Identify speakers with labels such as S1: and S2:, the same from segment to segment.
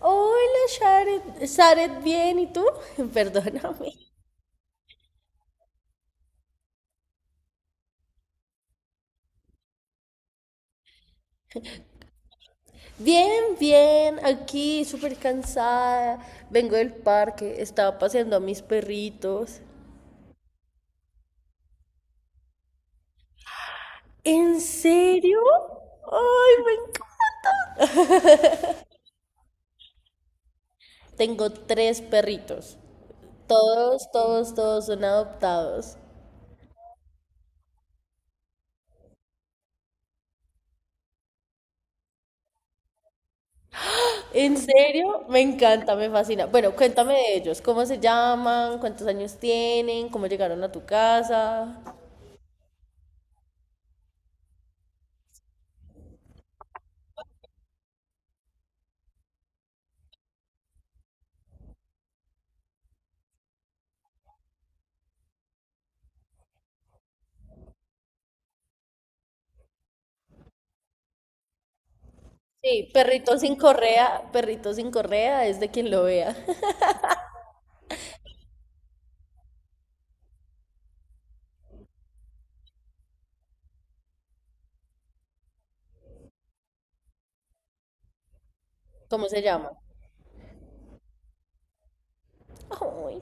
S1: Hola, Sharet. Sharet, bien, ¿y tú? Perdóname. Bien, bien, aquí súper cansada. Vengo del parque, estaba paseando a mis perritos. ¿En serio? ¡Ay, me encanta! Tengo tres perritos. Todos, todos, todos son adoptados. ¿En serio? Me encanta, me fascina. Bueno, cuéntame de ellos. ¿Cómo se llaman? ¿Cuántos años tienen? ¿Cómo llegaron a tu casa? Sí, perrito sin correa es de quien lo vea. ¿Cómo se llama? Ay,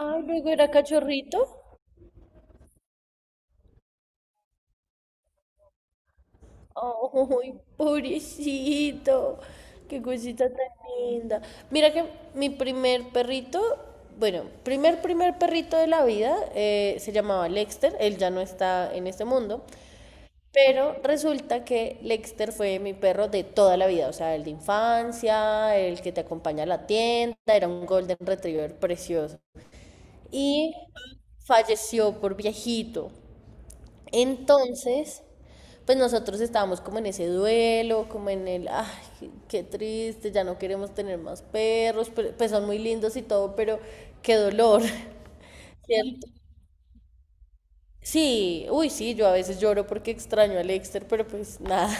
S1: ay, luego era cachorrito. Ay, pobrecito. Qué cosita tan linda. Mira que mi primer perrito, bueno, primer perrito de la vida se llamaba Lexter. Él ya no está en este mundo. Pero resulta que Lexter fue mi perro de toda la vida, o sea, el de infancia, el que te acompaña a la tienda, era un golden retriever precioso. Y falleció por viejito. Entonces, pues nosotros estábamos como en ese duelo, como en el, ay, qué triste, ya no queremos tener más perros, pues son muy lindos y todo, pero qué dolor, ¿cierto? Sí, uy, sí, yo a veces lloro porque extraño a Lexter, pero pues nada.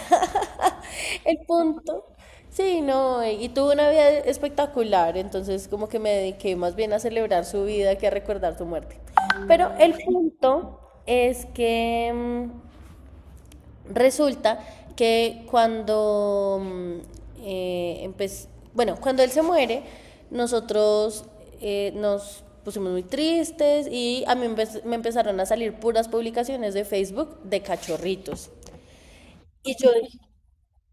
S1: El punto. Sí, no, y tuvo una vida espectacular, entonces como que me dediqué más bien a celebrar su vida que a recordar su muerte. Pero el punto es que resulta que cuando eh, empe- bueno, cuando él se muere, nosotros nos pusimos muy tristes y a mí me empezaron a salir puras publicaciones de Facebook de cachorritos. Y yo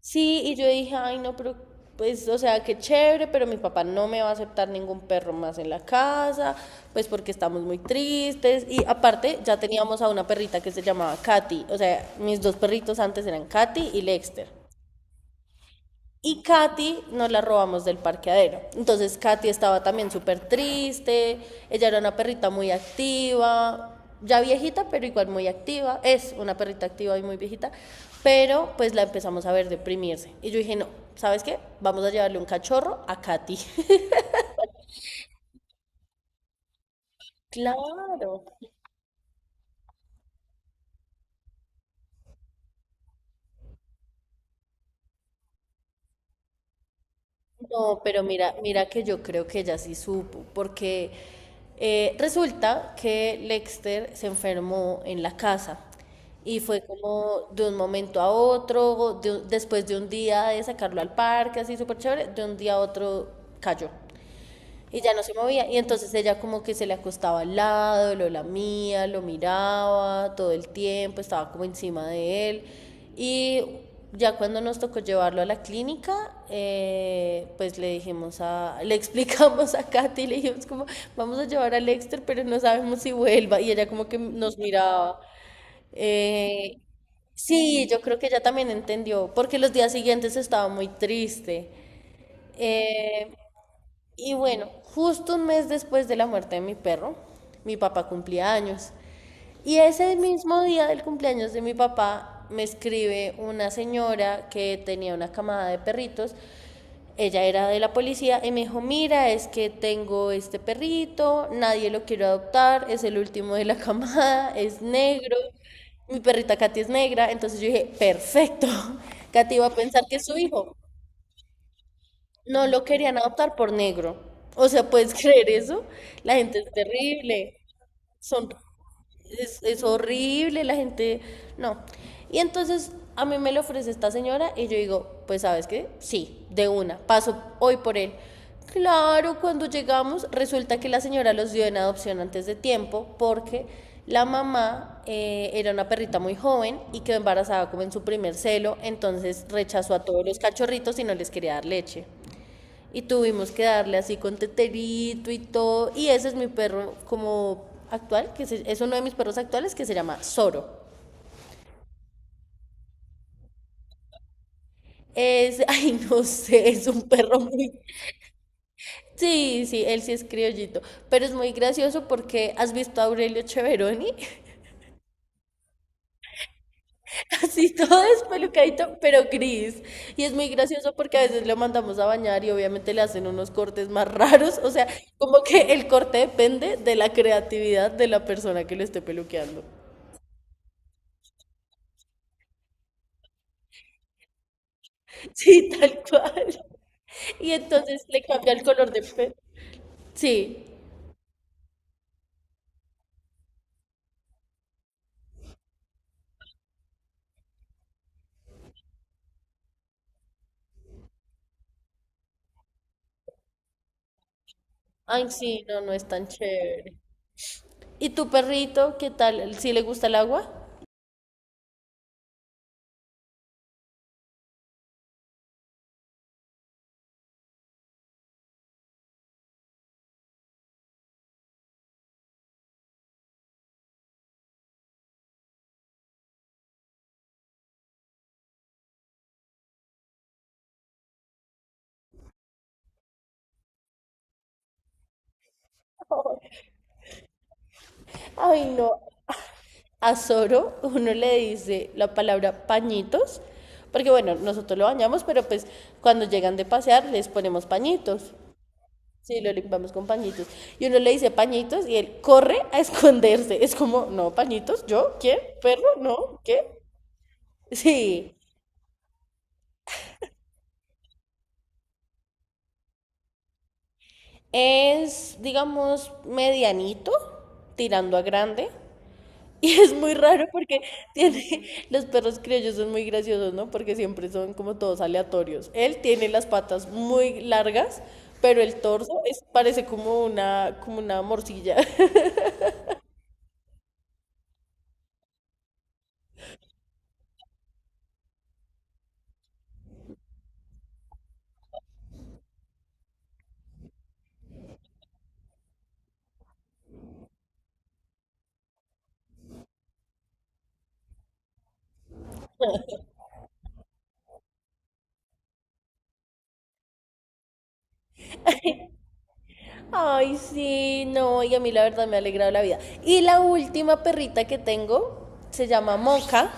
S1: Sí, y yo dije, ay, no, pero pues, o sea, qué chévere, pero mi papá no me va a aceptar ningún perro más en la casa, pues porque estamos muy tristes. Y aparte, ya teníamos a una perrita que se llamaba Katy. O sea, mis dos perritos antes eran Katy y Lexter. Y Katy nos la robamos del parqueadero. Entonces Katy estaba también súper triste, ella era una perrita muy activa, ya viejita, pero igual muy activa, es una perrita activa y muy viejita, pero pues la empezamos a ver deprimirse. Y yo dije, no, ¿sabes qué? Vamos a llevarle un cachorro a Katy. Claro. No, pero mira que yo creo que ella sí supo, porque resulta que Lexter se enfermó en la casa y fue como de un momento a otro, después de un día de sacarlo al parque, así súper chévere, de un día a otro cayó. Y ya no se movía. Y entonces ella como que se le acostaba al lado, lo lamía, lo miraba todo el tiempo, estaba como encima de él. Y ya cuando nos tocó llevarlo a la clínica, pues le dijimos le explicamos a Katy, le dijimos como, vamos a llevar a Lexter, pero no sabemos si vuelva. Y ella como que nos miraba. Eh, sí, yo creo que ella también entendió, porque los días siguientes estaba muy triste. Eh, y bueno, justo un mes después de la muerte de mi perro, mi papá cumplía años. Y ese mismo día del cumpleaños de mi papá me escribe una señora que tenía una camada de perritos. Ella era de la policía y me dijo, mira, es que tengo este perrito, nadie lo quiere adoptar, es el último de la camada, es negro, mi perrita Katy es negra. Entonces yo dije, perfecto, Katy va a pensar que es su hijo. No lo querían adoptar por negro. O sea, ¿puedes creer eso? La gente es terrible. Son, es horrible, la gente... No. Y entonces a mí me lo ofrece esta señora y yo digo, pues sabes qué, sí, de una, paso hoy por él. Claro, cuando llegamos resulta que la señora los dio en adopción antes de tiempo porque la mamá era una perrita muy joven y quedó embarazada como en su primer celo, entonces rechazó a todos los cachorritos y no les quería dar leche. Y tuvimos que darle así con teterito y todo. Y ese es mi perro como actual, que es uno de mis perros actuales que se llama Zoro. Es, ay, no sé, es un perro muy... Sí, sí, él sí es criollito, pero es muy gracioso porque has visto a Aurelio Cheveroni, así todo despelucadito, pero gris. Y es muy gracioso porque a veces lo mandamos a bañar y obviamente le hacen unos cortes más raros, o sea, como que el corte depende de la creatividad de la persona que lo esté peluqueando. Sí, tal cual. Y entonces le cambia el color de pelo. Sí. Ay, sí, no, no es tan chévere. ¿Y tu perrito, qué tal? ¿Sí le gusta el agua? Ay, no. A Zoro uno le dice la palabra pañitos, porque bueno, nosotros lo bañamos, pero pues cuando llegan de pasear les ponemos pañitos. Sí, lo limpiamos con pañitos. Y uno le dice pañitos y él corre a esconderse. Es como, no, pañitos, ¿yo? ¿Quién? ¿Perro? ¿No? ¿Qué? Sí. Es, digamos, medianito, tirando a grande. Y es muy raro porque tiene, los perros criollos son muy graciosos, ¿no? Porque siempre son como todos aleatorios. Él tiene las patas muy largas, pero el torso es, parece como una morcilla. Ay, sí, no, y a mí la verdad me ha alegrado la vida. Y la última perrita que tengo se llama Mocha.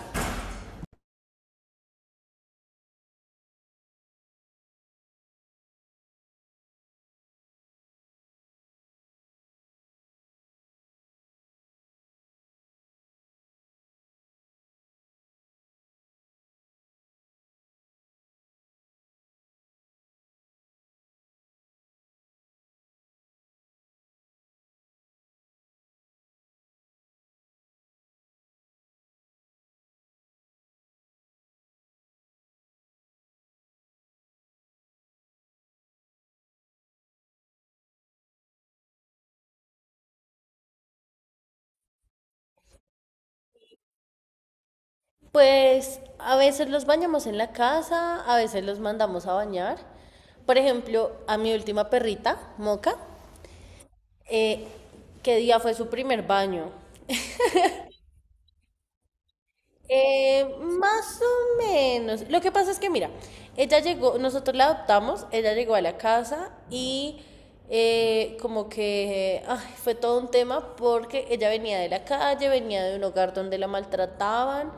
S1: Pues a veces los bañamos en la casa, a veces los mandamos a bañar. Por ejemplo, a mi última perrita, Moca, eh, ¿qué día fue su primer baño? Más o menos. Lo que pasa es que, mira, ella llegó, nosotros la adoptamos, ella llegó a la casa y como que ay, fue todo un tema porque ella venía de la calle, venía de un hogar donde la maltrataban,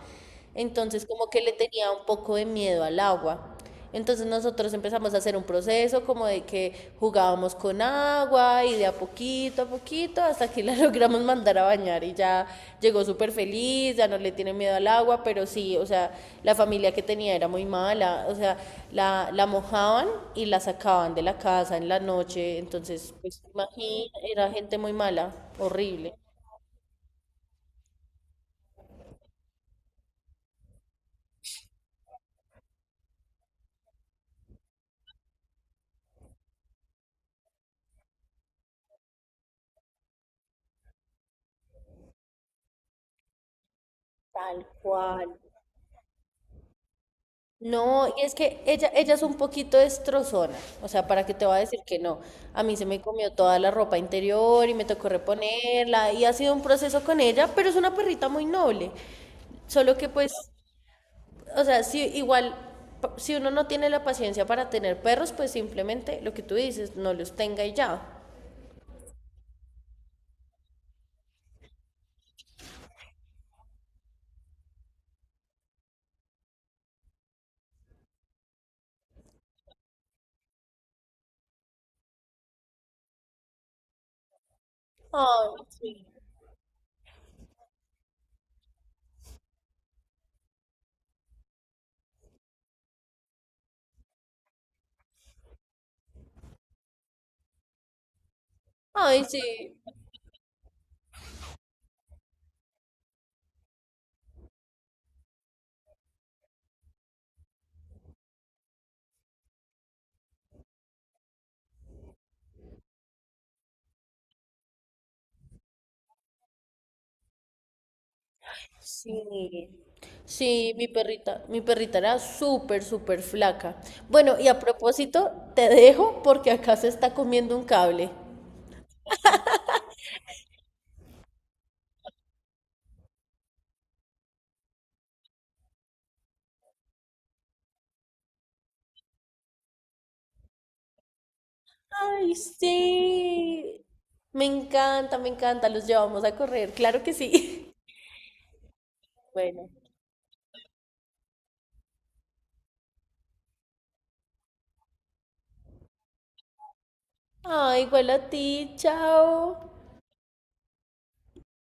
S1: entonces como que le tenía un poco de miedo al agua. Entonces nosotros empezamos a hacer un proceso como de que jugábamos con agua y de a poquito hasta que la logramos mandar a bañar y ya llegó súper feliz, ya no le tiene miedo al agua, pero sí, o sea, la familia que tenía era muy mala, o sea, la mojaban y la sacaban de la casa en la noche, entonces, pues imagina, era gente muy mala, horrible. Tal cual. No, y es que ella es un poquito destrozona, o sea, ¿para qué te va a decir que no? A mí se me comió toda la ropa interior y me tocó reponerla y ha sido un proceso con ella, pero es una perrita muy noble. Solo que pues, o sea, si igual, si uno no tiene la paciencia para tener perros, pues simplemente lo que tú dices, no los tenga y ya. Ay, sí. Ay, sí. Sí, sí, mi perrita era súper, súper flaca. Bueno, y a propósito, te dejo porque acá se está comiendo un cable. Ay, sí. Me encanta, me encanta. Los llevamos a correr, claro que sí. Bueno. Ay, igual a ti, chao.